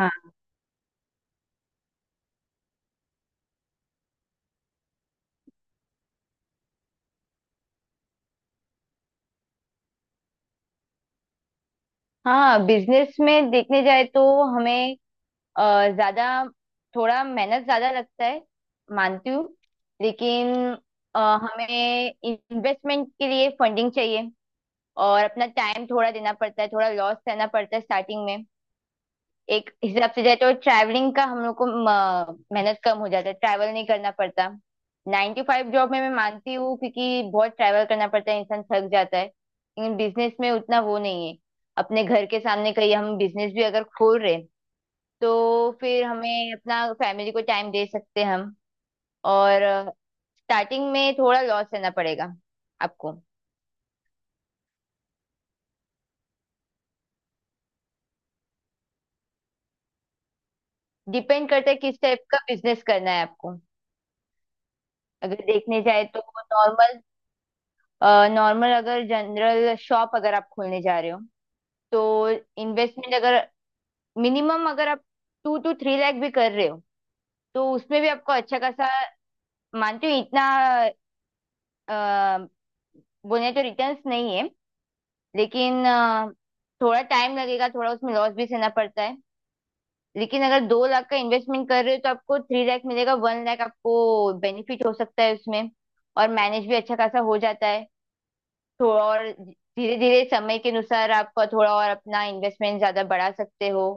हाँ हाँ, बिजनेस में देखने जाए तो हमें ज्यादा थोड़ा मेहनत ज्यादा लगता है, मानती हूँ। लेकिन हमें इन्वेस्टमेंट के लिए फंडिंग चाहिए और अपना टाइम थोड़ा देना पड़ता है, थोड़ा लॉस सहना पड़ता है स्टार्टिंग में। एक हिसाब से जाए तो ट्रैवलिंग का हम लोग को मेहनत कम हो जाता है, ट्रैवल नहीं करना पड़ता। 9 to 5 जॉब में मैं मानती हूँ क्योंकि बहुत ट्रैवल करना पड़ता है, इंसान थक जाता है, लेकिन बिजनेस में उतना वो नहीं है। अपने घर के सामने कहीं हम बिजनेस भी अगर खोल रहे हैं, तो फिर हमें अपना फैमिली को टाइम दे सकते हैं हम। और स्टार्टिंग में थोड़ा लॉस रहना पड़ेगा आपको। डिपेंड करता है किस टाइप का बिजनेस करना है आपको। अगर देखने जाए तो नॉर्मल नॉर्मल अगर जनरल शॉप अगर आप खोलने जा रहे हो तो इन्वेस्टमेंट अगर मिनिमम अगर आप 2-3 लाख भी कर रहे हो तो उसमें भी आपको अच्छा खासा, मानती हूँ इतना अ, बोले तो रिटर्न्स नहीं है। लेकिन थोड़ा टाइम लगेगा, थोड़ा उसमें लॉस भी सहना पड़ता है। लेकिन अगर 2 लाख का इन्वेस्टमेंट कर रहे हो तो आपको 3 लाख मिलेगा, 1 लाख आपको बेनिफिट हो सकता है उसमें, और मैनेज भी अच्छा खासा हो जाता है। थोड़ा और धीरे धीरे समय के अनुसार आप थोड़ा और अपना इन्वेस्टमेंट ज्यादा बढ़ा सकते हो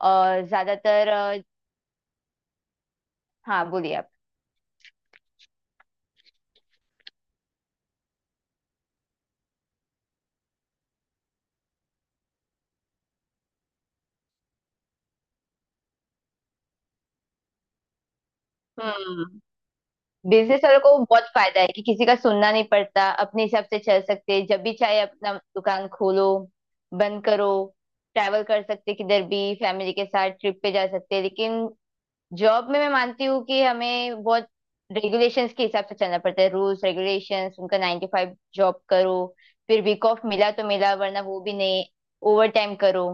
और ज्यादातर हाँ, बोलिए आप। हम्म, बिजनेस वालों को बहुत फायदा है कि किसी का सुनना नहीं पड़ता, अपने हिसाब से चल सकते हैं। जब भी चाहे अपना दुकान खोलो, बंद करो। ट्रैवल कर सकते किधर भी, फैमिली के साथ ट्रिप पे जा सकते हैं। लेकिन जॉब में मैं मानती हूँ कि हमें बहुत रेगुलेशंस के हिसाब से चलना पड़ता है, रूल्स रेगुलेशंस उनका 9 to 5 जॉब करो। फिर वीक ऑफ मिला तो मिला वरना वो भी नहीं, ओवर टाइम करो।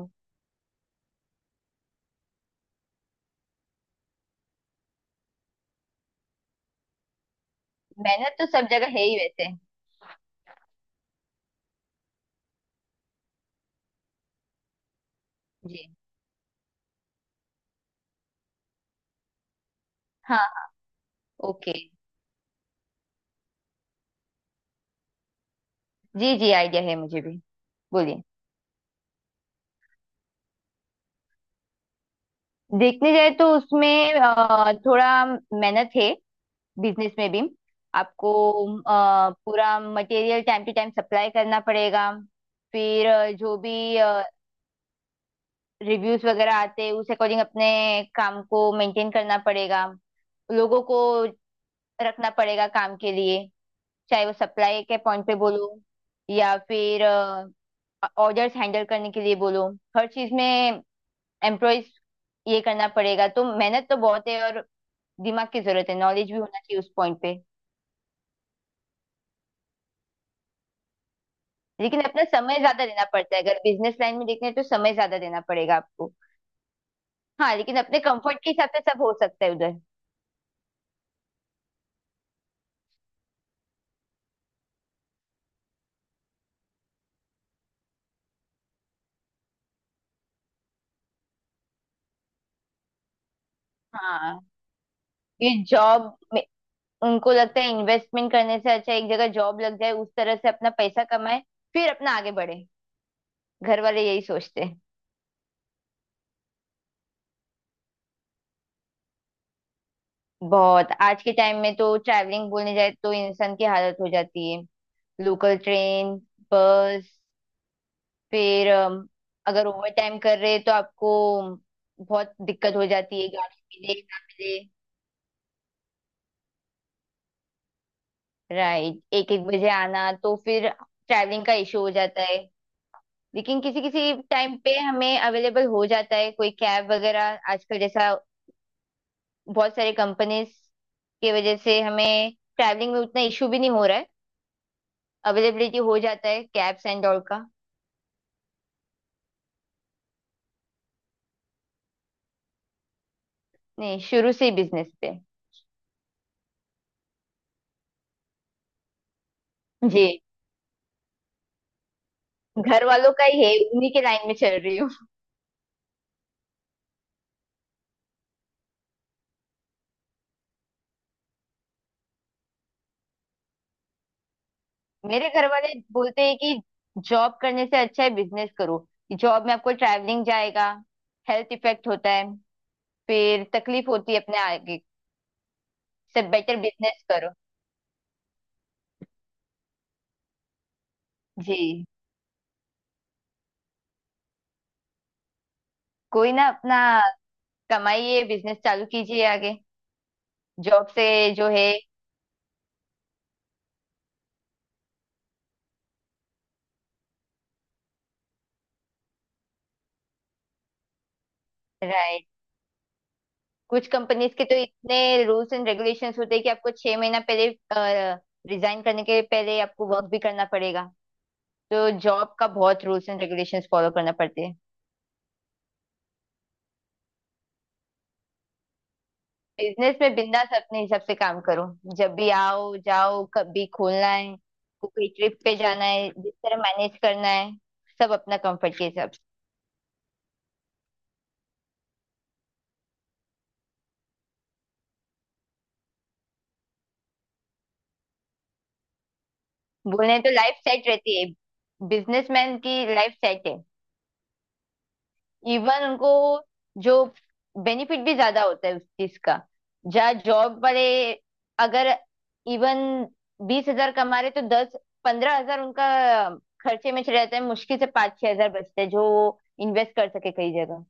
मेहनत तो सब जगह है ही वैसे। जी। हाँ। ओके। जी जी, आइडिया है मुझे भी, बोलिए। देखने जाए तो उसमें थोड़ा मेहनत है बिजनेस में भी आपको। पूरा material time to time supply करना पड़ेगा। फिर जो भी रिव्यूज वगैरह आते हैं उस अकॉर्डिंग अपने काम को मेंटेन करना पड़ेगा, लोगों को रखना पड़ेगा काम के लिए, चाहे वो सप्लाई के पॉइंट पे बोलो या फिर ऑर्डर्स हैंडल करने के लिए बोलो। हर चीज में एम्प्लॉयज ये करना पड़ेगा, तो मेहनत तो बहुत है और दिमाग की जरूरत है, नॉलेज भी होना चाहिए उस पॉइंट पे। लेकिन अपना समय ज्यादा देना पड़ता है अगर बिजनेस लाइन में देखने तो, समय ज्यादा देना पड़ेगा आपको। हाँ, लेकिन अपने कंफर्ट के हिसाब से सब हो सकता है उधर। हाँ, ये जॉब, उनको लगता है इन्वेस्टमेंट करने से अच्छा एक जगह जॉब लग जाए, उस तरह से अपना पैसा कमाए, फिर अपना आगे बढ़े। घर वाले यही सोचते हैं। बहुत आज के टाइम में तो ट्रैवलिंग बोलने जाए तो इंसान की हालत हो जाती है। लोकल ट्रेन, बस, फिर अगर ओवर टाइम कर रहे हैं तो आपको बहुत दिक्कत हो जाती है, गाड़ी मिले ना मिले। राइट, एक एक बजे आना तो फिर ट्रैवलिंग का इशू हो जाता है। लेकिन किसी किसी टाइम पे हमें अवेलेबल हो जाता है कोई कैब वगैरह आजकल, जैसा बहुत सारे कंपनीज की वजह से हमें ट्रैवलिंग में उतना इशू भी नहीं हो रहा है, अवेलेबिलिटी हो जाता है कैब्स एंड ऑल का। नहीं, शुरू से ही बिजनेस पे। जी, घर वालों का ही है, उन्हीं के लाइन में चल रही हूँ। मेरे घर वाले बोलते हैं कि जॉब करने से अच्छा है बिजनेस करो। जॉब में आपको ट्रैवलिंग जाएगा, हेल्थ इफेक्ट होता है, फिर तकलीफ होती है अपने आगे से, बेटर बिजनेस करो। जी, कोई ना, अपना कमाइए, बिजनेस चालू कीजिए आगे। जॉब से जो है, राइट। कुछ कंपनीज के तो इतने रूल्स एंड रेगुलेशंस होते हैं कि आपको 6 महीना पहले रिजाइन करने के पहले आपको वर्क भी करना पड़ेगा। तो जॉब का बहुत रूल्स एंड रेगुलेशंस फॉलो करना पड़ते हैं। बिजनेस में बिंदास अपने हिसाब से काम करो, जब भी आओ जाओ, कभी खोलना है, कोई ट्रिप पे जाना है जिस तरह मैनेज करना है, सब अपना कंफर्ट के हिसाब से। बोले तो लाइफ सेट रहती है, बिजनेसमैन की लाइफ सेट है। इवन उनको जो बेनिफिट भी ज्यादा होता है उस चीज का। जहाँ जॉब वाले अगर इवन 20 हज़ार कमा रहे तो 10-15 हज़ार उनका खर्चे में चले जाते हैं, मुश्किल से 5-6 हज़ार बचते हैं जो इन्वेस्ट कर सके कई जगह।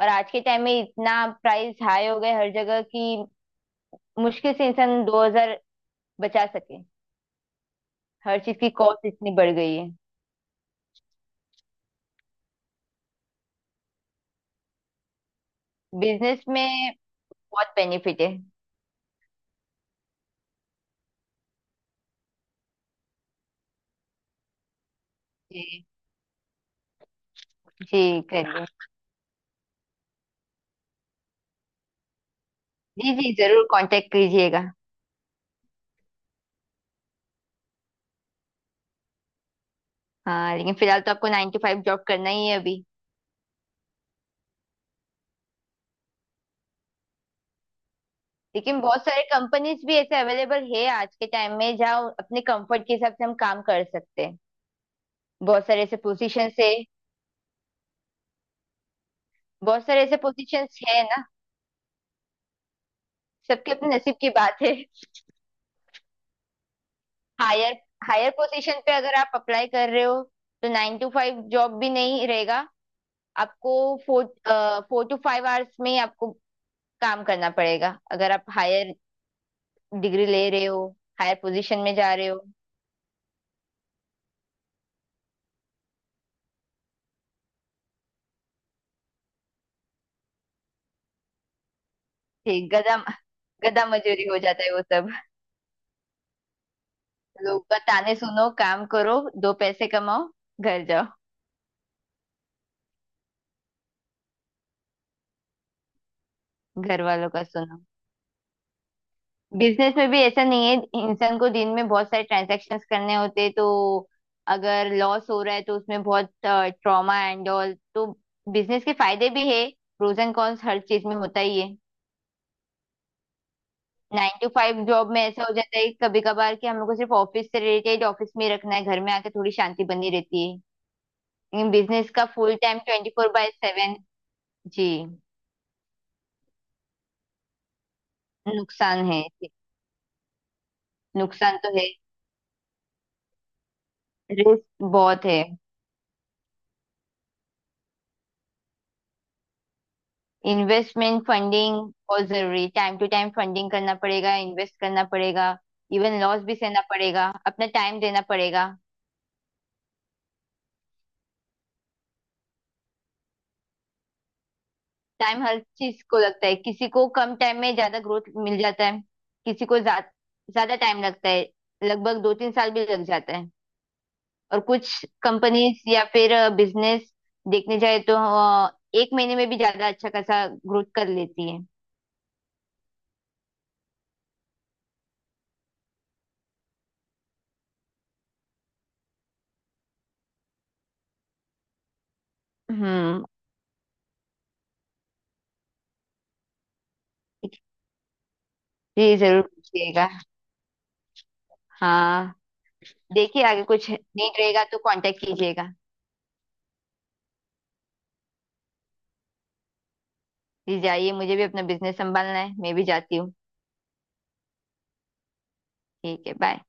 और आज के टाइम में इतना प्राइस हाई हो गए हर जगह कि मुश्किल से इंसान 2 हज़ार बचा सके। हर चीज की कॉस्ट इतनी बढ़ गई है। बिजनेस में बहुत बेनिफिट है। जी जी, करिए। जी जी जरूर कांटेक्ट कीजिएगा। हाँ, लेकिन फिलहाल तो आपको 9 to 5 जॉब करना ही है अभी। लेकिन बहुत सारे कंपनीज भी ऐसे अवेलेबल है आज के टाइम में जहाँ अपने कंफर्ट के हिसाब से हम काम कर सकते हैं, बहुत सारे ऐसे पोजीशन है। बहुत सारे ऐसे पोजीशन है ना। सबके अपने नसीब की बात है। हायर हायर पोजीशन पे अगर आप अप्लाई कर रहे हो तो 9 to 5 जॉब भी नहीं रहेगा आपको। Four four to five hours में ही आपको काम करना पड़ेगा अगर आप हायर डिग्री ले रहे हो, हायर पोजीशन में जा रहे हो। ठीक, गधा गधा मजूरी हो जाता है वो सब। लोग का ताने सुनो, काम करो, दो पैसे कमाओ, घर जाओ। घर वालों का सुनो। बिजनेस में भी ऐसा नहीं है। इंसान को दिन में बहुत सारे ट्रांजैक्शंस करने होते हैं, तो अगर लॉस हो रहा है तो उसमें बहुत ट्रॉमा एंड ऑल, तो बिजनेस के फायदे भी है। प्रोज एंड कॉन्स हर चीज में होता ही है। 9 to 5 जॉब में ऐसा हो जाता है कभी कभार कि हम लोग को सिर्फ ऑफिस से रिलेटेड ऑफिस में ही रखना है, घर में आके थोड़ी शांति बनी रहती है। बिजनेस का फुल टाइम 24/7। जी। नुकसान है, नुकसान तो है। रिस्क बहुत है। इन्वेस्टमेंट फंडिंग बहुत जरूरी, टाइम टू टाइम फंडिंग करना पड़ेगा, इन्वेस्ट करना पड़ेगा। इवन लॉस भी सहना पड़ेगा, अपना टाइम देना पड़ेगा। टाइम हर चीज को लगता है, किसी को कम टाइम में ज्यादा ग्रोथ मिल जाता है, किसी को ज्यादा टाइम लगता है। लगभग 2-3 साल भी लग जाता है। और कुछ कंपनीज या फिर बिजनेस देखने जाए तो 1 महीने में भी ज्यादा अच्छा खासा ग्रोथ कर लेती है। हम्म, जी, जरूर पूछिएगा। हाँ, देखिए आगे कुछ नीड रहेगा तो कांटेक्ट कीजिएगा। जी, जाइए, मुझे भी अपना बिजनेस संभालना है, मैं भी जाती हूँ। ठीक है, बाय।